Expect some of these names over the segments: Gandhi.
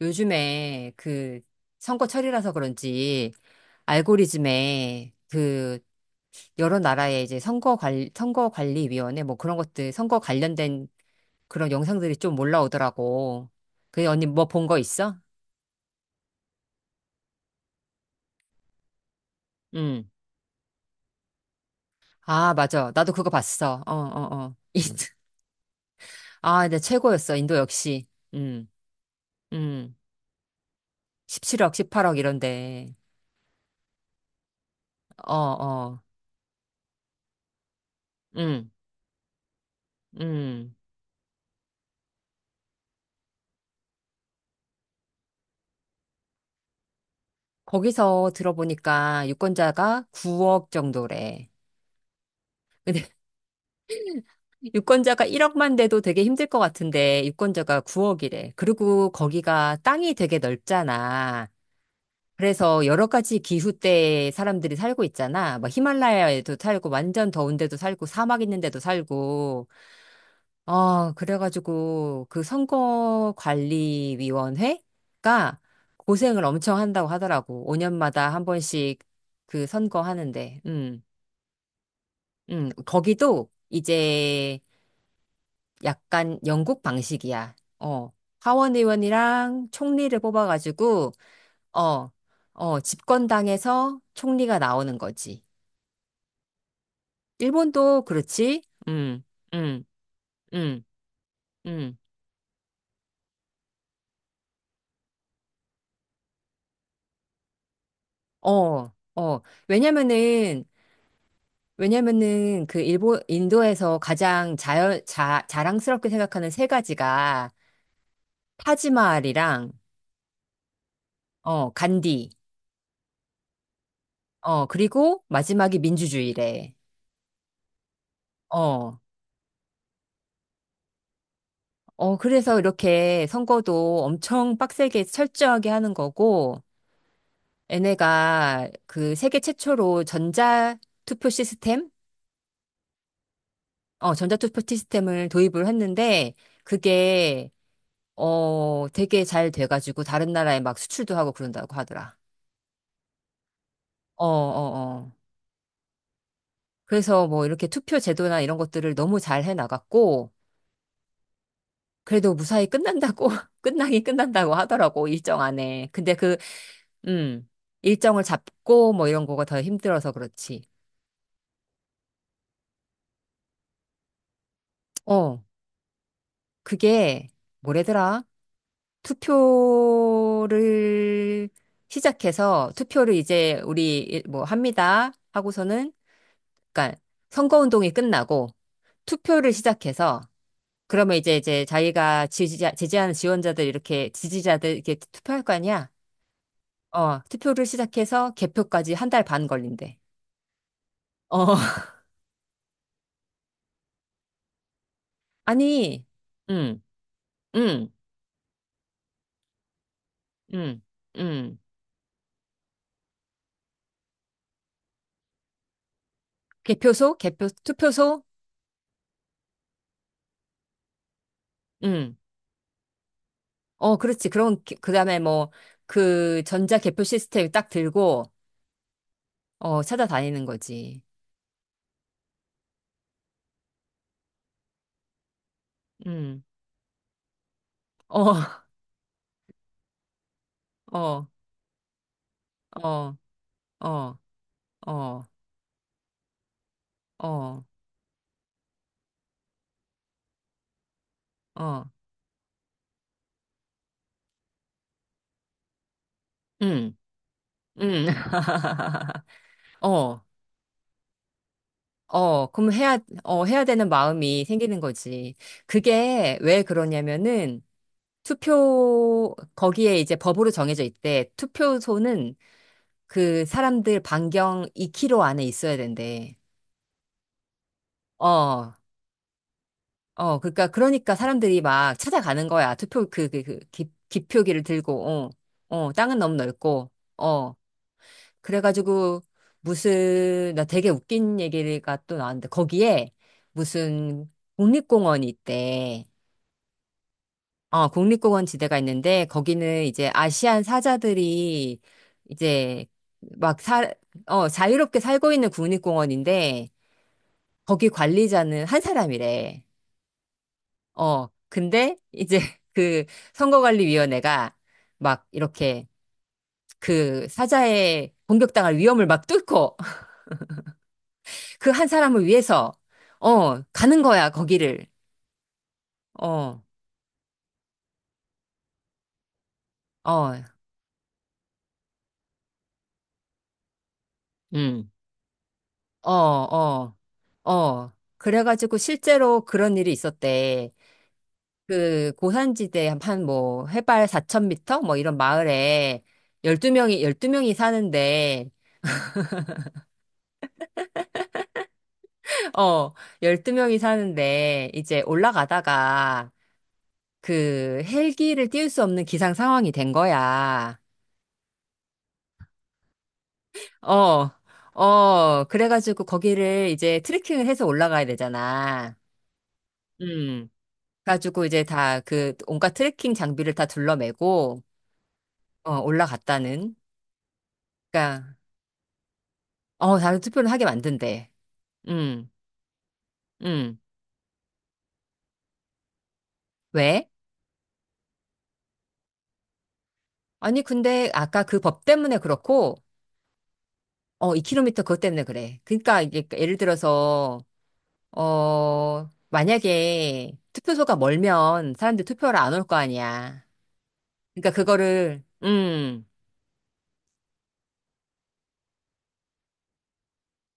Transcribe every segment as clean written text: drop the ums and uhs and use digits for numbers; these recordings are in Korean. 요즘에 그 선거철이라서 그런지 알고리즘에 그 여러 나라의 이제 선거 관리위원회 뭐 그런 것들 선거 관련된 그런 영상들이 좀 올라오더라고. 그 언니 뭐 본 거 있어? 응. 아, 맞아. 나도 그거 봤어. 어, 어, 어. 아, 근 최고였어. 인도 역시. 응, 응. 17억, 18억 이런데. 어, 어. 응, 응. 거기서 들어보니까 유권자가 9억 정도래. 유권자가 1억만 돼도 되게 힘들 것 같은데 유권자가 9억이래. 그리고 거기가 땅이 되게 넓잖아. 그래서 여러 가지 기후 때 사람들이 살고 있잖아. 막 히말라야에도 살고 완전 더운데도 살고 사막 있는데도 살고. 그래가지고 그 선거관리위원회가 고생을 엄청 한다고 하더라고. 5년마다 한 번씩 그 선거하는데. 음. 거기도 이제 약간 영국 방식이야. 어, 하원의원이랑 총리를 뽑아가지고, 어, 어, 집권당에서 총리가 나오는 거지. 일본도 그렇지? 음, 음, 음. 어, 어. 왜냐면은, 왜냐면은 그 인도에서 가장 자랑스럽게 생각하는 세 가지가 타지마할이랑, 어, 간디, 어, 그리고 마지막이 민주주의래. 어, 어, 그래서 이렇게 선거도 엄청 빡세게 철저하게 하는 거고, 얘네가 그 세계 최초로 전자투표 시스템? 어, 전자투표 시스템을 도입을 했는데, 그게, 되게 잘 돼가지고 다른 나라에 막 수출도 하고 그런다고 하더라. 어, 어, 어. 그래서 뭐 이렇게 투표 제도나 이런 것들을 너무 잘 해나갔고, 그래도 무사히 끝난다고, 끝나긴 끝난다고 하더라고, 일정 안에. 근데 그 음. 일정을 잡고 뭐 이런 거가 더 힘들어서 그렇지. 어, 그게 뭐래더라? 투표를 시작해서 투표를 이제 우리 뭐 합니다 하고서는 그러니까 선거운동이 끝나고 투표를 시작해서 그러면 이제 자기가 지지자 지지하는 지원자들 이렇게 지지자들 이렇게 투표할 거 아니야? 어, 투표를 시작해서 개표까지 한 달 반 걸린대. 어, 아니, 음, 음, 음, 음. 투표소, 응, 어, 그렇지. 그럼, 그 다음에 뭐, 그 전자 개표 시스템 딱 들고, 어, 찾아다니는 거지. 응, 어, 어, 어, 어, 어, 어, 어, 응, 응. 어, 어, 그럼 해야, 어, 해야 되는 마음이 생기는 거지. 그게 왜 그러냐면은, 거기에 이제 법으로 정해져 있대. 투표소는 그 사람들 반경 2km 안에 있어야 된대. 어, 어, 그러니까 사람들이 막 찾아가는 거야. 투표 그 기, 기표기를 들고, 어, 어, 땅은 너무 넓고, 어, 그래가지고 무슨 나 되게 웃긴 얘기가 또 나왔는데 거기에 무슨 국립공원이 있대. 어, 국립공원 지대가 있는데 거기는 이제 아시안 사자들이 이제 막 어, 자유롭게 살고 있는 국립공원인데 거기 관리자는 한 사람이래. 어, 근데 이제 그 선거관리위원회가 막 이렇게 그 사자의 공격당할 위험을 막 뚫고 그 한 사람을 위해서 가는 거야, 거기를. 어, 어, 음. 어, 어, 어. 그래가지고 실제로 그런 일이 있었대. 그 고산지대 한 뭐 해발 4천 미터 뭐 이런 마을에 열두 명이 12명이 사는데 어, 12명이 사는데, 이제 올라가다가 그 헬기를 띄울 수 없는 기상 상황이 된 거야. 어, 어, 그래가지고 거기를 이제 트레킹을 해서 올라가야 되잖아. 음. 그래가지고 이제 다 그 온갖 트레킹 장비를 다 둘러매고, 어, 올라갔다는. 그니까, 어, 다른 투표를 하게 만든대. 음. 음. 왜? 아니, 근데 아까 그 법 때문에 그렇고, 어, 2km 그것 때문에 그래. 그러니까 이게 예를 들어서 만약에 투표소가 멀면 사람들 투표를 안 올 거 아니야. 그러니까 그거를,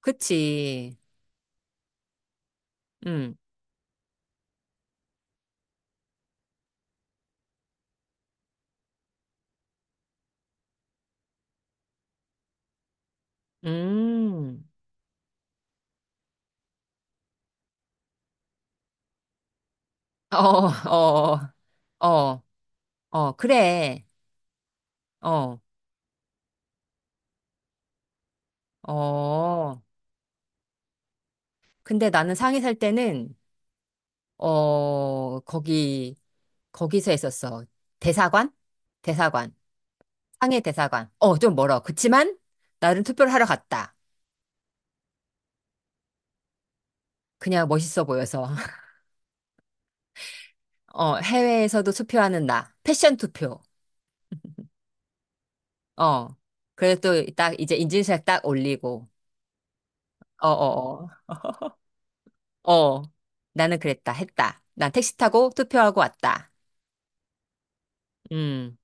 그치. 음, 음. 어, 어, 어, 어, 그래. 어, 어. 근데 나는 상해 살 때는, 어, 거기서 했었어. 대사관? 대사관. 상해 대사관. 어, 좀 멀어. 그치만, 나는 투표를 하러 갔다. 그냥 멋있어 보여서. 어, 해외에서도 투표하는 나. 패션 투표. 어. 그래서 또 딱 이제 인증샷 딱 올리고. 어, 어, 어. 어. 나는 그랬다. 했다. 난 택시 타고 투표하고 왔다. 음.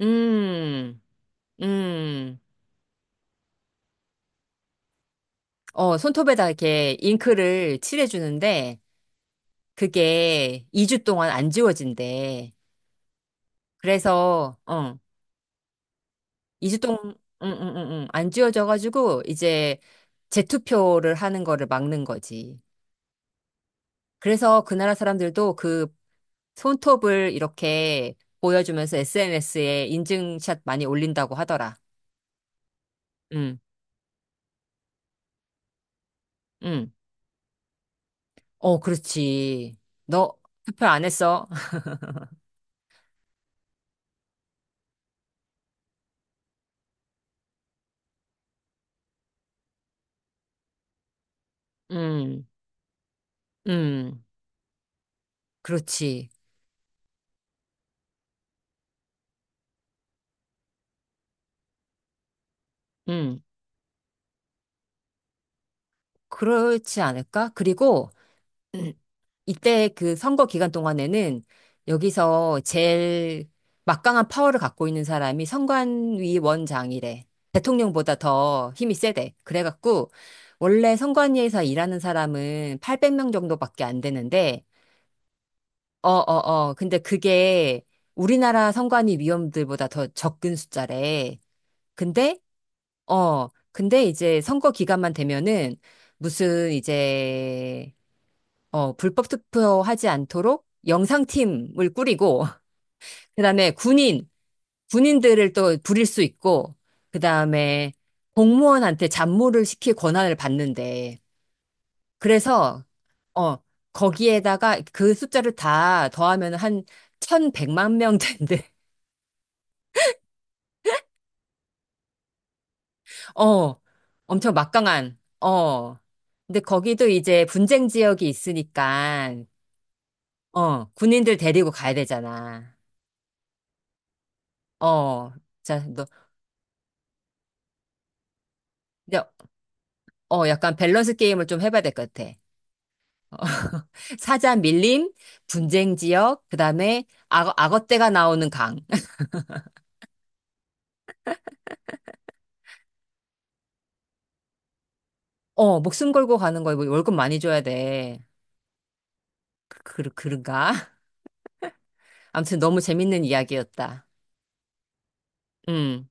음. 음. 어, 손톱에다 이렇게 잉크를 칠해주는데 그게 2주 동안 안 지워진대. 그래서, 2주 동안, 응, 응, 응, 응. 안 지워져가지고 이제 재투표를 하는 거를 막는 거지. 그래서 그 나라 사람들도 그 손톱을 이렇게 보여주면서 SNS에 인증샷 많이 올린다고 하더라. 응, 응. 어, 그렇지. 너 투표 안 했어? 응, 응. 그렇지. 응. 그렇지 않을까? 그리고 이때 그 선거 기간 동안에는 여기서 제일 막강한 파워를 갖고 있는 사람이 선관위 원장이래. 대통령보다 더 힘이 세대. 그래갖고 원래 선관위에서 일하는 사람은 800명 정도밖에 안 되는데 어, 어, 어. 근데 그게 우리나라 선관위 위원들보다 더 적은 숫자래. 근데 이제 선거 기간만 되면은 무슨 이제 불법 투표하지 않도록 영상팀을 꾸리고, 그다음에 군인들을 또 부릴 수 있고, 그다음에 공무원한테 잡무를 시킬 권한을 받는데, 그래서, 어, 거기에다가 그 숫자를 다 더하면 한 1100만 명 된대. 어, 엄청 막강한, 어. 근데 거기도 이제 분쟁 지역이 있으니까, 어, 군인들 데리고 가야 되잖아. 어, 자, 너, 근데 약간 밸런스 게임을 좀 해봐야 될 것 같아. 어, 사자 밀림, 분쟁 지역, 그 다음에 악어떼가 나오는 강. 어, 목숨 걸고 가는 거에 뭐 월급 많이 줘야 돼. 그런가? 아무튼 너무 재밌는 이야기였다. 음.